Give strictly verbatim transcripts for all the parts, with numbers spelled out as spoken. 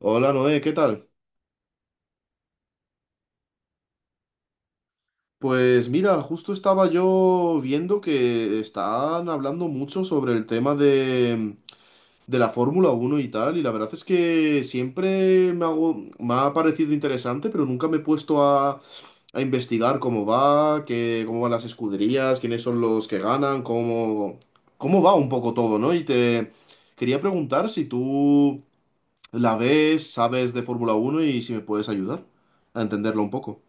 Hola Noé, ¿qué tal? Pues mira, justo estaba yo viendo que están hablando mucho sobre el tema de, de la Fórmula Uno y tal, y la verdad es que siempre me hago, me ha parecido interesante, pero nunca me he puesto a, a investigar cómo va, qué, cómo van las escuderías, quiénes son los que ganan, cómo, cómo va un poco todo, ¿no? Y te quería preguntar si tú la ves, sabes de Fórmula Uno y si me puedes ayudar a entenderlo un poco.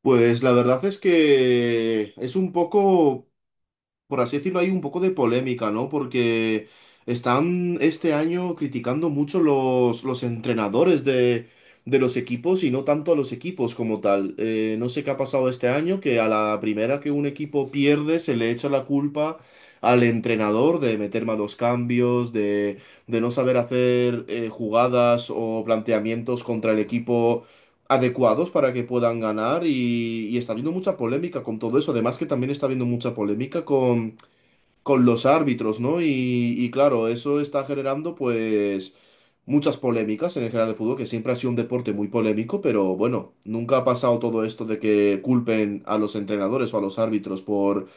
Pues la verdad es que es un poco, por así decirlo, hay un poco de polémica, ¿no? Porque están este año criticando mucho los, los entrenadores de, de los equipos y no tanto a los equipos como tal. Eh, no sé qué ha pasado este año, que a la primera que un equipo pierde se le echa la culpa al entrenador de meter malos cambios, de, de no saber hacer eh, jugadas o planteamientos contra el equipo adecuados para que puedan ganar y, y está habiendo mucha polémica con todo eso. Además que también está habiendo mucha polémica con, con los árbitros, ¿no? Y, y claro, eso está generando pues muchas polémicas en el general de fútbol, que siempre ha sido un deporte muy polémico, pero bueno, nunca ha pasado todo esto de que culpen a los entrenadores o a los árbitros por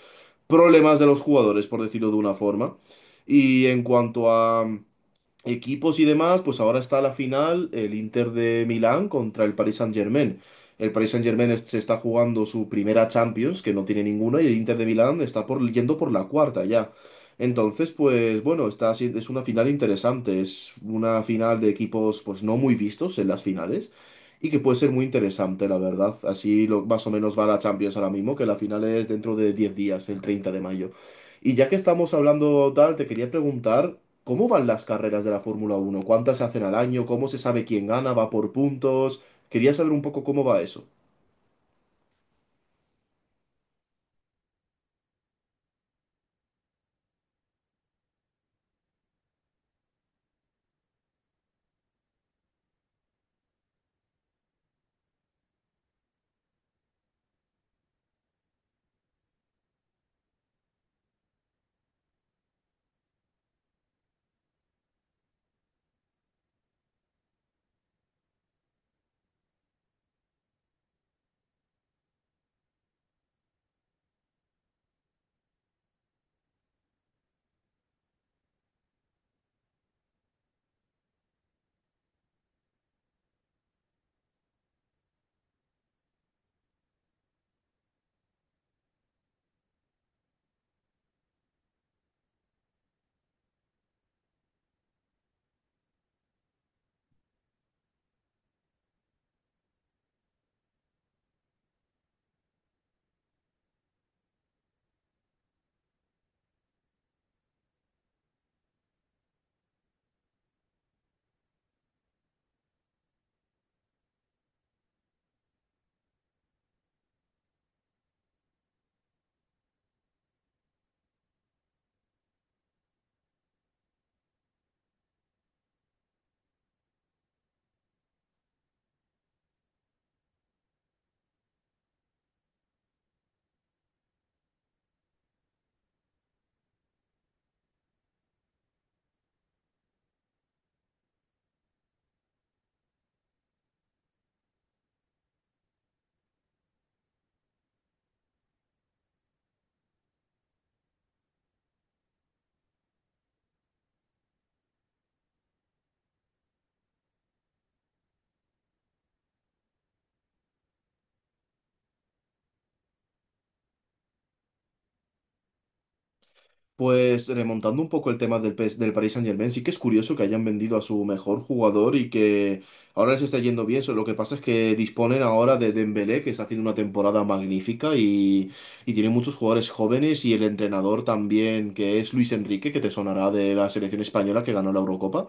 problemas de los jugadores, por decirlo de una forma. Y en cuanto a equipos y demás, pues ahora está la final, el Inter de Milán contra el Paris Saint-Germain. El Paris Saint-Germain es- se está jugando su primera Champions, que no tiene ninguna, y el Inter de Milán está por, yendo por la cuarta ya. Entonces, pues bueno, está, si- es una final interesante, es una final de equipos pues no muy vistos en las finales y que puede ser muy interesante, la verdad. Así lo, más o menos va la Champions ahora mismo, que la final es dentro de diez días, el treinta de mayo. Y ya que estamos hablando tal, te quería preguntar, ¿cómo van las carreras de la Fórmula Uno? ¿Cuántas se hacen al año? ¿Cómo se sabe quién gana? ¿Va por puntos? Quería saber un poco cómo va eso. Pues remontando un poco el tema del, P S del Paris Saint-Germain, sí que es curioso que hayan vendido a su mejor jugador y que ahora les está yendo bien. So- Lo que pasa es que disponen ahora de Dembélé, que está haciendo una temporada magnífica y, y tiene muchos jugadores jóvenes y el entrenador también, que es Luis Enrique, que te sonará de la selección española que ganó la Eurocopa.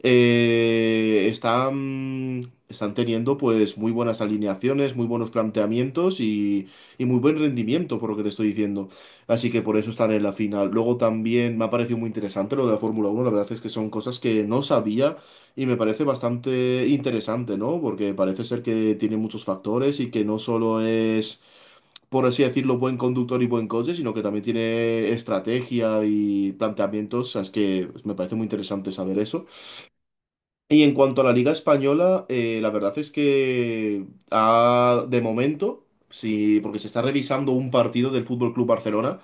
Eh, están, están teniendo pues muy buenas alineaciones, muy buenos planteamientos y, y muy buen rendimiento, por lo que te estoy diciendo. Así que por eso están en la final. Luego también me ha parecido muy interesante lo de la Fórmula Uno. La verdad es que son cosas que no sabía y me parece bastante interesante, ¿no? Porque parece ser que tiene muchos factores y que no solo es, por así decirlo, buen conductor y buen coche, sino que también tiene estrategia y planteamientos. O sea, es que me parece muy interesante saber eso. Y en cuanto a la Liga Española, eh, la verdad es que ha- de momento, sí, porque se está revisando un partido del Fútbol Club Barcelona,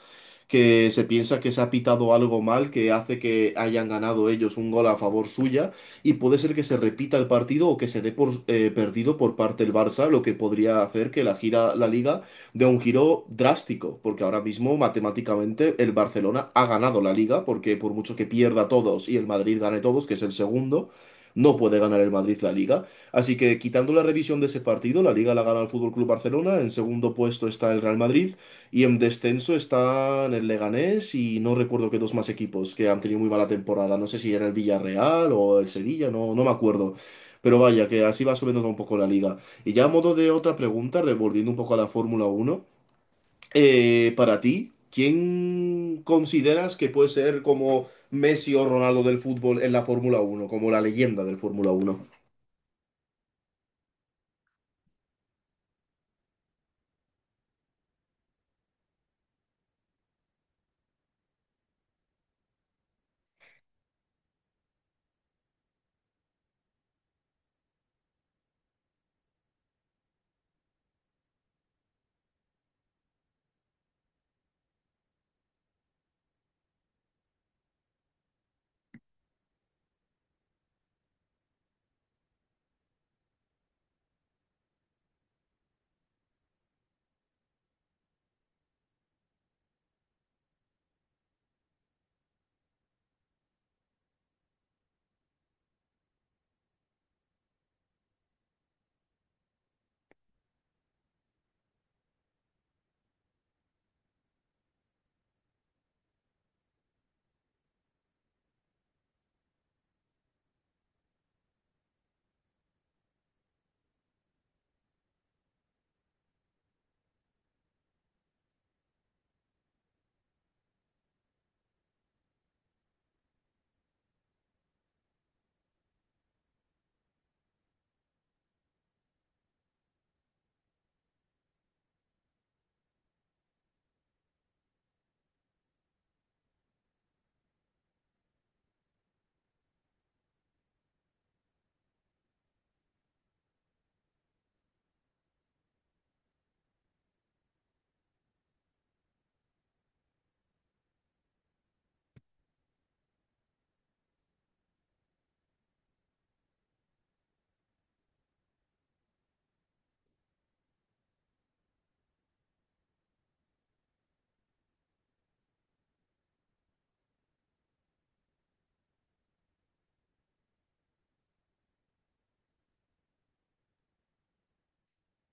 que se piensa que se ha pitado algo mal, que hace que hayan ganado ellos un gol a favor suya, y puede ser que se repita el partido o que se dé por eh, perdido por parte del Barça, lo que podría hacer que la gira, la Liga dé un giro drástico, porque ahora mismo matemáticamente el Barcelona ha ganado la Liga, porque por mucho que pierda todos y el Madrid gane todos, que es el segundo, no puede ganar el Madrid la Liga. Así que quitando la revisión de ese partido, la Liga la gana el Fútbol Club Barcelona, en segundo puesto está el Real Madrid y en descenso están el Leganés y no recuerdo qué dos más equipos que han tenido muy mala temporada. No sé si era el Villarreal o el Sevilla, no, no me acuerdo. Pero vaya, que así va subiendo un poco la liga. Y ya a modo de otra pregunta, revolviendo un poco a la Fórmula Uno, eh, para ti, ¿quién consideras que puede ser como Messi o Ronaldo del fútbol en la Fórmula Uno, como la leyenda del Fórmula Uno?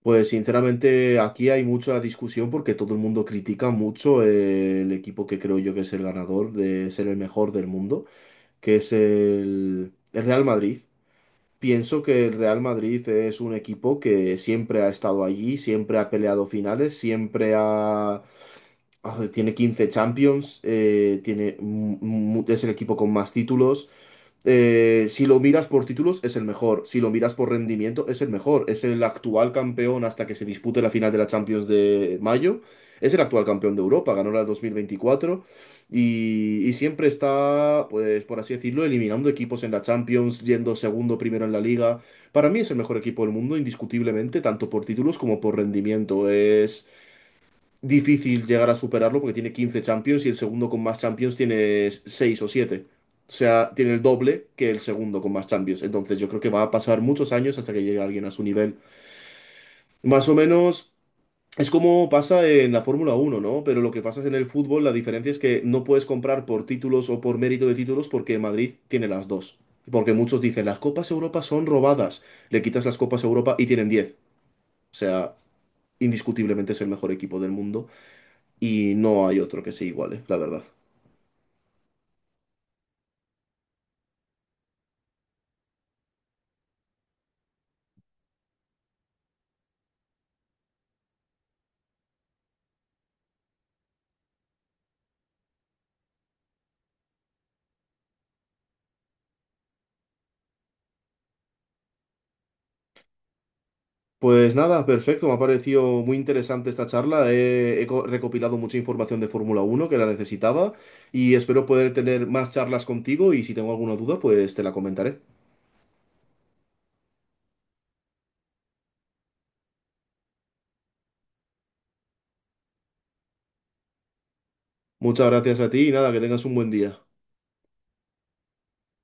Pues sinceramente aquí hay mucha discusión porque todo el mundo critica mucho, eh, el equipo que creo yo que es el ganador de ser el mejor del mundo, que es el, el Real Madrid. Pienso que el Real Madrid es un equipo que siempre ha estado allí, siempre ha peleado finales, siempre ha Ah, tiene quince Champions, eh, tiene, mu- mu- es el equipo con más títulos. Eh, si lo miras por títulos, es el mejor. Si lo miras por rendimiento, es el mejor. Es el actual campeón hasta que se dispute la final de la Champions de mayo. Es el actual campeón de Europa, ganó la dos mil veinticuatro y, y siempre está, pues por así decirlo, eliminando equipos en la Champions, yendo segundo, primero en la Liga. Para mí es el mejor equipo del mundo, indiscutiblemente, tanto por títulos como por rendimiento. Es difícil llegar a superarlo porque tiene quince Champions y el segundo con más Champions tiene seis o siete. O sea, tiene el doble que el segundo con más Champions. Entonces yo creo que va a pasar muchos años hasta que llegue alguien a su nivel. Más o menos es como pasa en la Fórmula Uno, ¿no? Pero lo que pasa es en el fútbol, la diferencia es que no puedes comprar por títulos o por mérito de títulos porque Madrid tiene las dos. Porque muchos dicen, las Copas Europa son robadas. Le quitas las Copas Europa y tienen diez. O sea, indiscutiblemente es el mejor equipo del mundo y no hay otro que se iguale, la verdad. Pues nada, perfecto, me ha parecido muy interesante esta charla. He, he co- recopilado mucha información de Fórmula Uno que la necesitaba y espero poder tener más charlas contigo y si tengo alguna duda, pues te la comentaré. Muchas gracias a ti y nada, que tengas un buen día.